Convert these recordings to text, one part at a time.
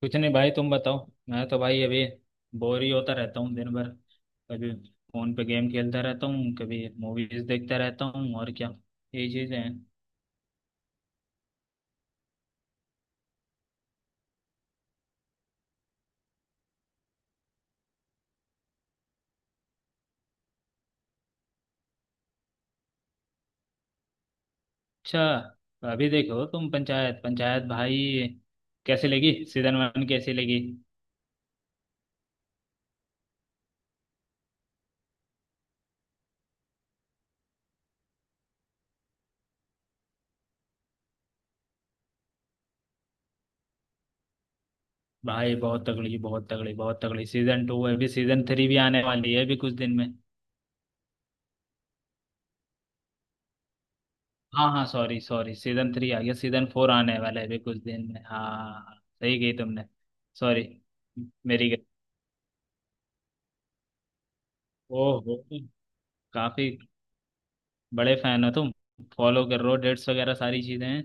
कुछ नहीं भाई, तुम बताओ। मैं तो भाई अभी बोर ही होता रहता हूँ दिन भर। कभी फोन पे गेम खेलता रहता हूँ, कभी मूवीज देखता रहता हूँ और क्या, यही चीजें हैं। अच्छा। अभी देखो तुम, पंचायत पंचायत भाई, कैसी लगी सीजन वन, कैसी लगी? भाई बहुत तगड़ी, बहुत तगड़ी, बहुत तगड़ी सीजन टू है। अभी सीजन थ्री भी आने वाली है अभी कुछ दिन में। हाँ हाँ, सॉरी सॉरी, सीजन थ्री आ गया, सीजन फोर आने वाला है अभी कुछ दिन में। हाँ, सही कही तुमने। सॉरी, मेरी गलती। ओहो। काफी बड़े फैन हो तुम, फॉलो कर रहे हो डेट्स वगैरह, सारी चीजें हैं।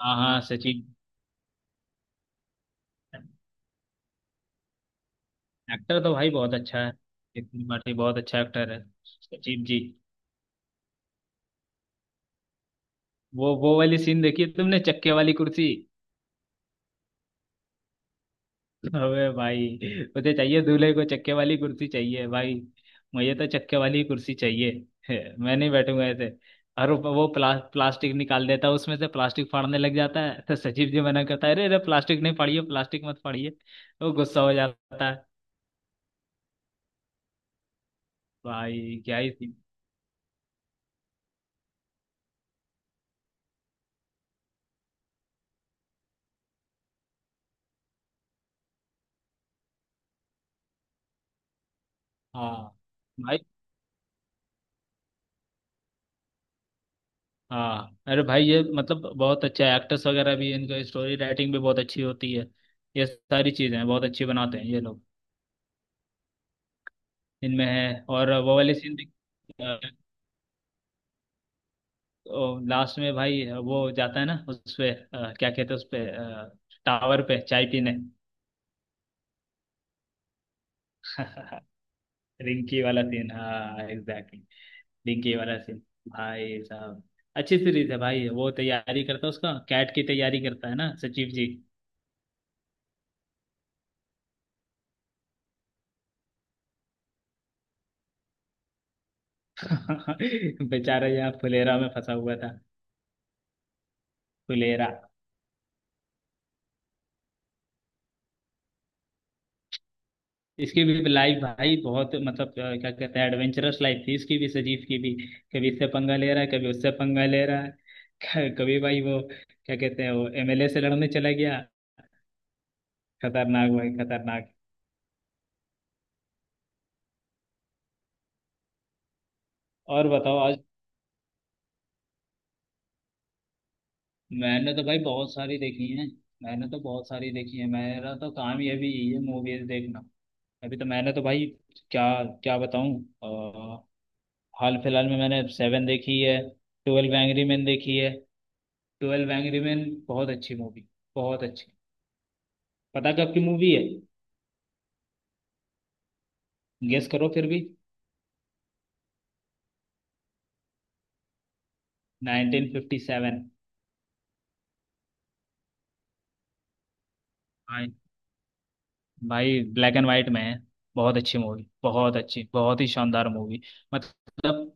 हाँ हाँ, सचिन। एक्टर तो भाई बहुत अच्छा है। नितिन पाठी बहुत अच्छा एक्टर है। सचिन जी। वो वाली सीन देखी है तुमने, चक्के वाली कुर्सी? अबे भाई, मुझे चाहिए, दूल्हे को चक्के वाली कुर्सी चाहिए भाई। मुझे तो चक्के वाली कुर्सी चाहिए। मैं नहीं बैठूंगा ऐसे। और वो प्लास्टिक निकाल देता है, उसमें से प्लास्टिक फाड़ने लग जाता है, तो सचिव जी मना करता है, अरे अरे, प्लास्टिक नहीं फाड़िए, प्लास्टिक मत फाड़िए। वो गुस्सा हो जाता है। भाई क्या ही थी। हाँ भाई। हाँ, अरे भाई, ये मतलब बहुत अच्छा है, एक्टर्स वगैरह भी, इनका स्टोरी राइटिंग भी बहुत अच्छी होती है। ये सारी चीज़ें हैं, बहुत अच्छी बनाते हैं ये लोग। इनमें है और वो वाली सीन भी। लास्ट में भाई वो जाता है ना उस पे, क्या कहते हैं, उस पे टावर पे चाय पीने। रिंकी वाला सीन, हाँ, एग्जैक्टली, रिंकी वाला सीन। भाई साहब, अच्छी सीरीज है भाई। वो तैयारी करता है, उसका कैट की तैयारी करता है ना सचिव जी। बेचारा यहाँ फुलेरा में फंसा हुआ था। फुलेरा। इसकी भी लाइफ भाई बहुत मतलब क्या कहते हैं, एडवेंचरस लाइफ थी इसकी भी, सजीव की भी। कभी इससे पंगा ले रहा है, कभी उससे पंगा ले रहा है। कभी भाई वो क्या कहते हैं, वो एमएलए से लड़ने चला गया। खतरनाक भाई, खतरनाक। और बताओ आज। मैंने तो भाई बहुत सारी देखी है। मैंने तो बहुत सारी देखी है, मेरा तो काम ही अभी यही है, मूवीज देखना। अभी तो मैंने तो भाई, क्या, क्या बताऊं। हाल फिलहाल में मैंने सेवन देखी है, ट्वेल्व एंग्री मैन देखी है। ट्वेल्व एंग्री मैन बहुत अच्छी मूवी, बहुत अच्छी। पता कब की मूवी है? गेस करो फिर भी। 1957। भाई भाई, ब्लैक एंड वाइट में है। बहुत अच्छी मूवी, बहुत अच्छी, बहुत ही शानदार मूवी। मतलब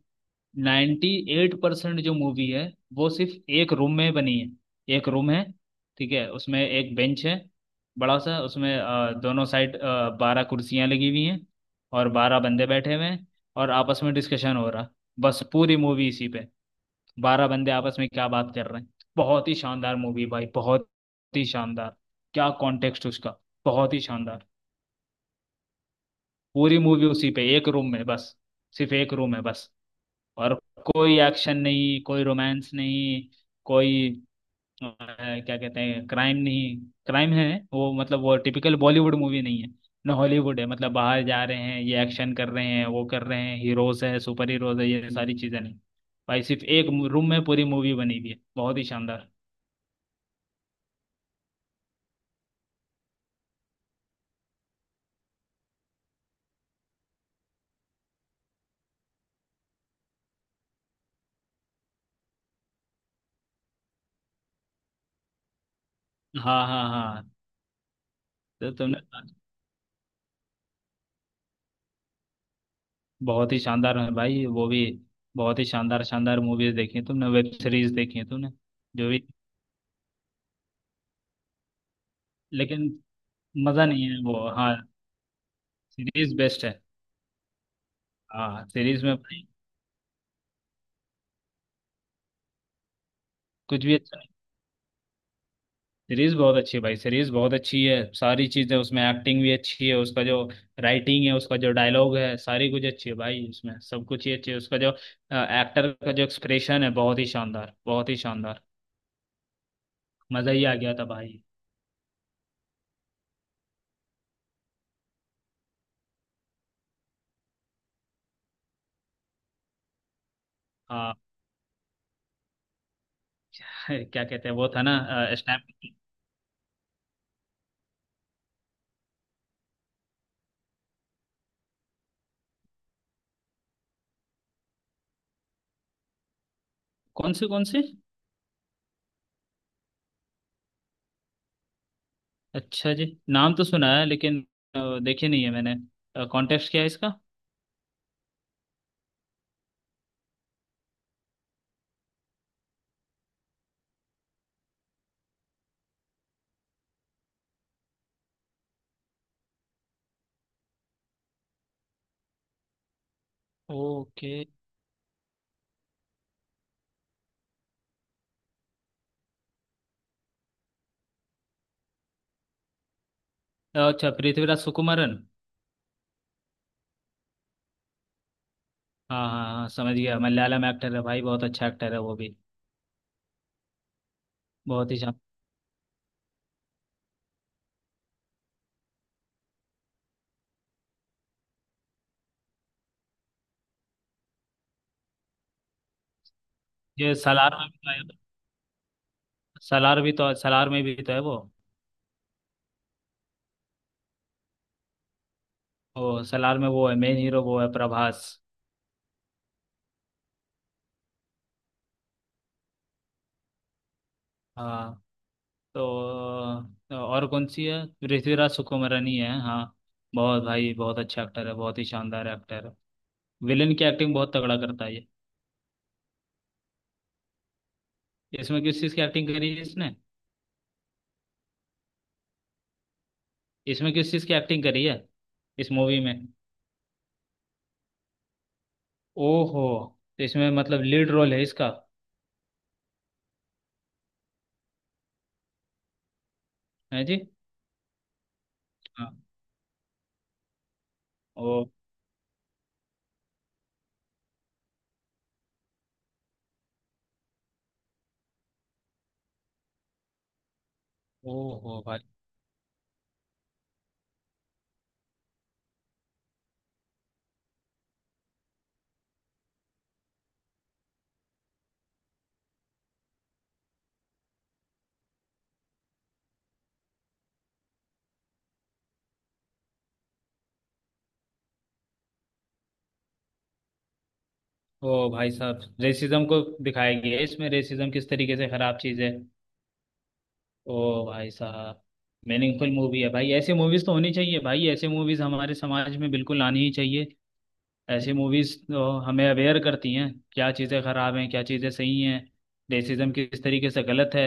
नाइन्टी एट परसेंट जो मूवी है वो सिर्फ एक रूम में बनी है। एक रूम है, ठीक है, उसमें एक बेंच है, बड़ा सा, उसमें दोनों साइड बारह कुर्सियां लगी हुई हैं, और बारह बंदे बैठे हुए हैं, और आपस में डिस्कशन हो रहा। बस पूरी मूवी इसी पे, बारह बंदे आपस में क्या बात कर रहे हैं। बहुत ही शानदार मूवी भाई, बहुत ही शानदार। क्या कॉन्टेक्स्ट उसका। बहुत ही शानदार। पूरी मूवी उसी पे, एक रूम में बस, सिर्फ एक रूम है बस। और कोई एक्शन नहीं, कोई रोमांस नहीं, कोई अ, क्या कहते हैं, क्राइम नहीं, क्राइम है, वो मतलब वो टिपिकल बॉलीवुड मूवी नहीं है, ना हॉलीवुड है, मतलब बाहर जा रहे हैं ये, एक्शन कर रहे हैं वो, कर रहे हैं हीरोज है, सुपर हीरोज है, ये सारी चीजें नहीं। भाई सिर्फ एक रूम में पूरी मूवी बनी हुई है, बहुत ही शानदार। हाँ हाँ हाँ। तो तुमने बहुत ही शानदार है भाई वो भी, बहुत ही शानदार शानदार मूवीज देखी हैं तुमने, वेब सीरीज देखी है तुमने जो भी। लेकिन मजा नहीं है वो, हाँ, सीरीज बेस्ट है। हाँ, सीरीज में भाई कुछ भी अच्छा। सीरीज बहुत अच्छी है भाई, सीरीज बहुत अच्छी है, सारी चीजें उसमें, एक्टिंग भी अच्छी है, उसका जो राइटिंग है, उसका जो डायलॉग है, सारी कुछ अच्छी है भाई, उसमें सब कुछ ही अच्छी है, उसका जो एक्टर का जो एक्सप्रेशन है, बहुत ही शानदार, बहुत ही शानदार। मजा ही आ गया था भाई। हाँ। क्या कहते हैं वो था ना, स्नैप। कौन से, कौन से? अच्छा जी, नाम तो सुना है, लेकिन देखे नहीं है मैंने। कॉन्टेक्स्ट क्या है इसका? ओके। अच्छा, पृथ्वीराज सुकुमारन। हाँ हाँ हाँ, समझ गया, मलयालम एक्टर है भाई, बहुत अच्छा एक्टर है वो भी। बहुत ही शान। ये सलार में भी तो है, सलार भी तो, सलार में भी तो है वो। वो सलार में वो है मेन हीरो, वो है प्रभास। हाँ, तो तो और कौन सी है, पृथ्वीराज सुकुमारनी है, हाँ। बहुत भाई, बहुत अच्छा एक्टर है, बहुत ही शानदार एक्टर है, विलन की एक्टिंग बहुत तगड़ा करता है ये। इसमें किस चीज़ की एक्टिंग करी है इसने? इसमें किस चीज़ की एक्टिंग करी है, इस मूवी में? ओहो। तो इसमें मतलब लीड रोल है इसका? है जी। हाँ। ओहो भाई। ओ भाई साहब, रेसिज्म को दिखाया गया है इसमें, रेसिज्म किस तरीके से खराब चीज है। ओ भाई साहब। मीनिंगफुल मूवी है भाई, ऐसे मूवीज तो होनी चाहिए भाई, ऐसे मूवीज हमारे समाज में बिल्कुल आनी ही चाहिए। ऐसे मूवीज तो हमें अवेयर करती हैं, क्या चीजें खराब हैं, क्या चीजें सही हैं, रेसिज्म किस तरीके से गलत है।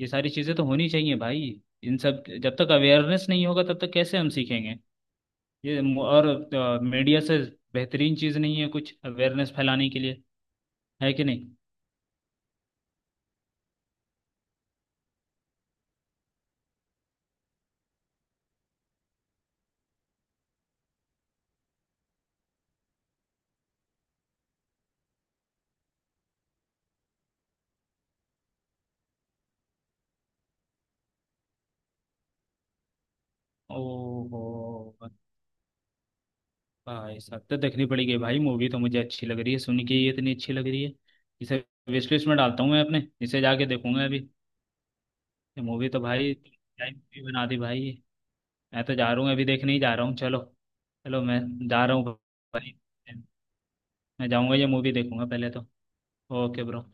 ये सारी चीजें तो होनी चाहिए भाई, इन सब जब तक अवेयरनेस नहीं होगा तब तक कैसे हम सीखेंगे। और मीडिया से बेहतरीन चीज नहीं है कुछ अवेयरनेस फैलाने के लिए, है कि नहीं? ओहो भाई साहब, तो देखनी पड़ेगी भाई मूवी तो, मुझे अच्छी लग रही है सुन के ही, इतनी अच्छी लग रही है, इसे विश लिस्ट में डालता हूँ मैं अपने, इसे जाके देखूंगा अभी। ये मूवी तो भाई, क्या मूवी बना दी भाई ये। मैं तो जा रहा हूँ, अभी देखने ही जा रहा हूँ। चलो, चलो मैं जा रहा हूँ भाई, मैं जाऊँगा ये मूवी देखूंगा पहले तो। Okay bro.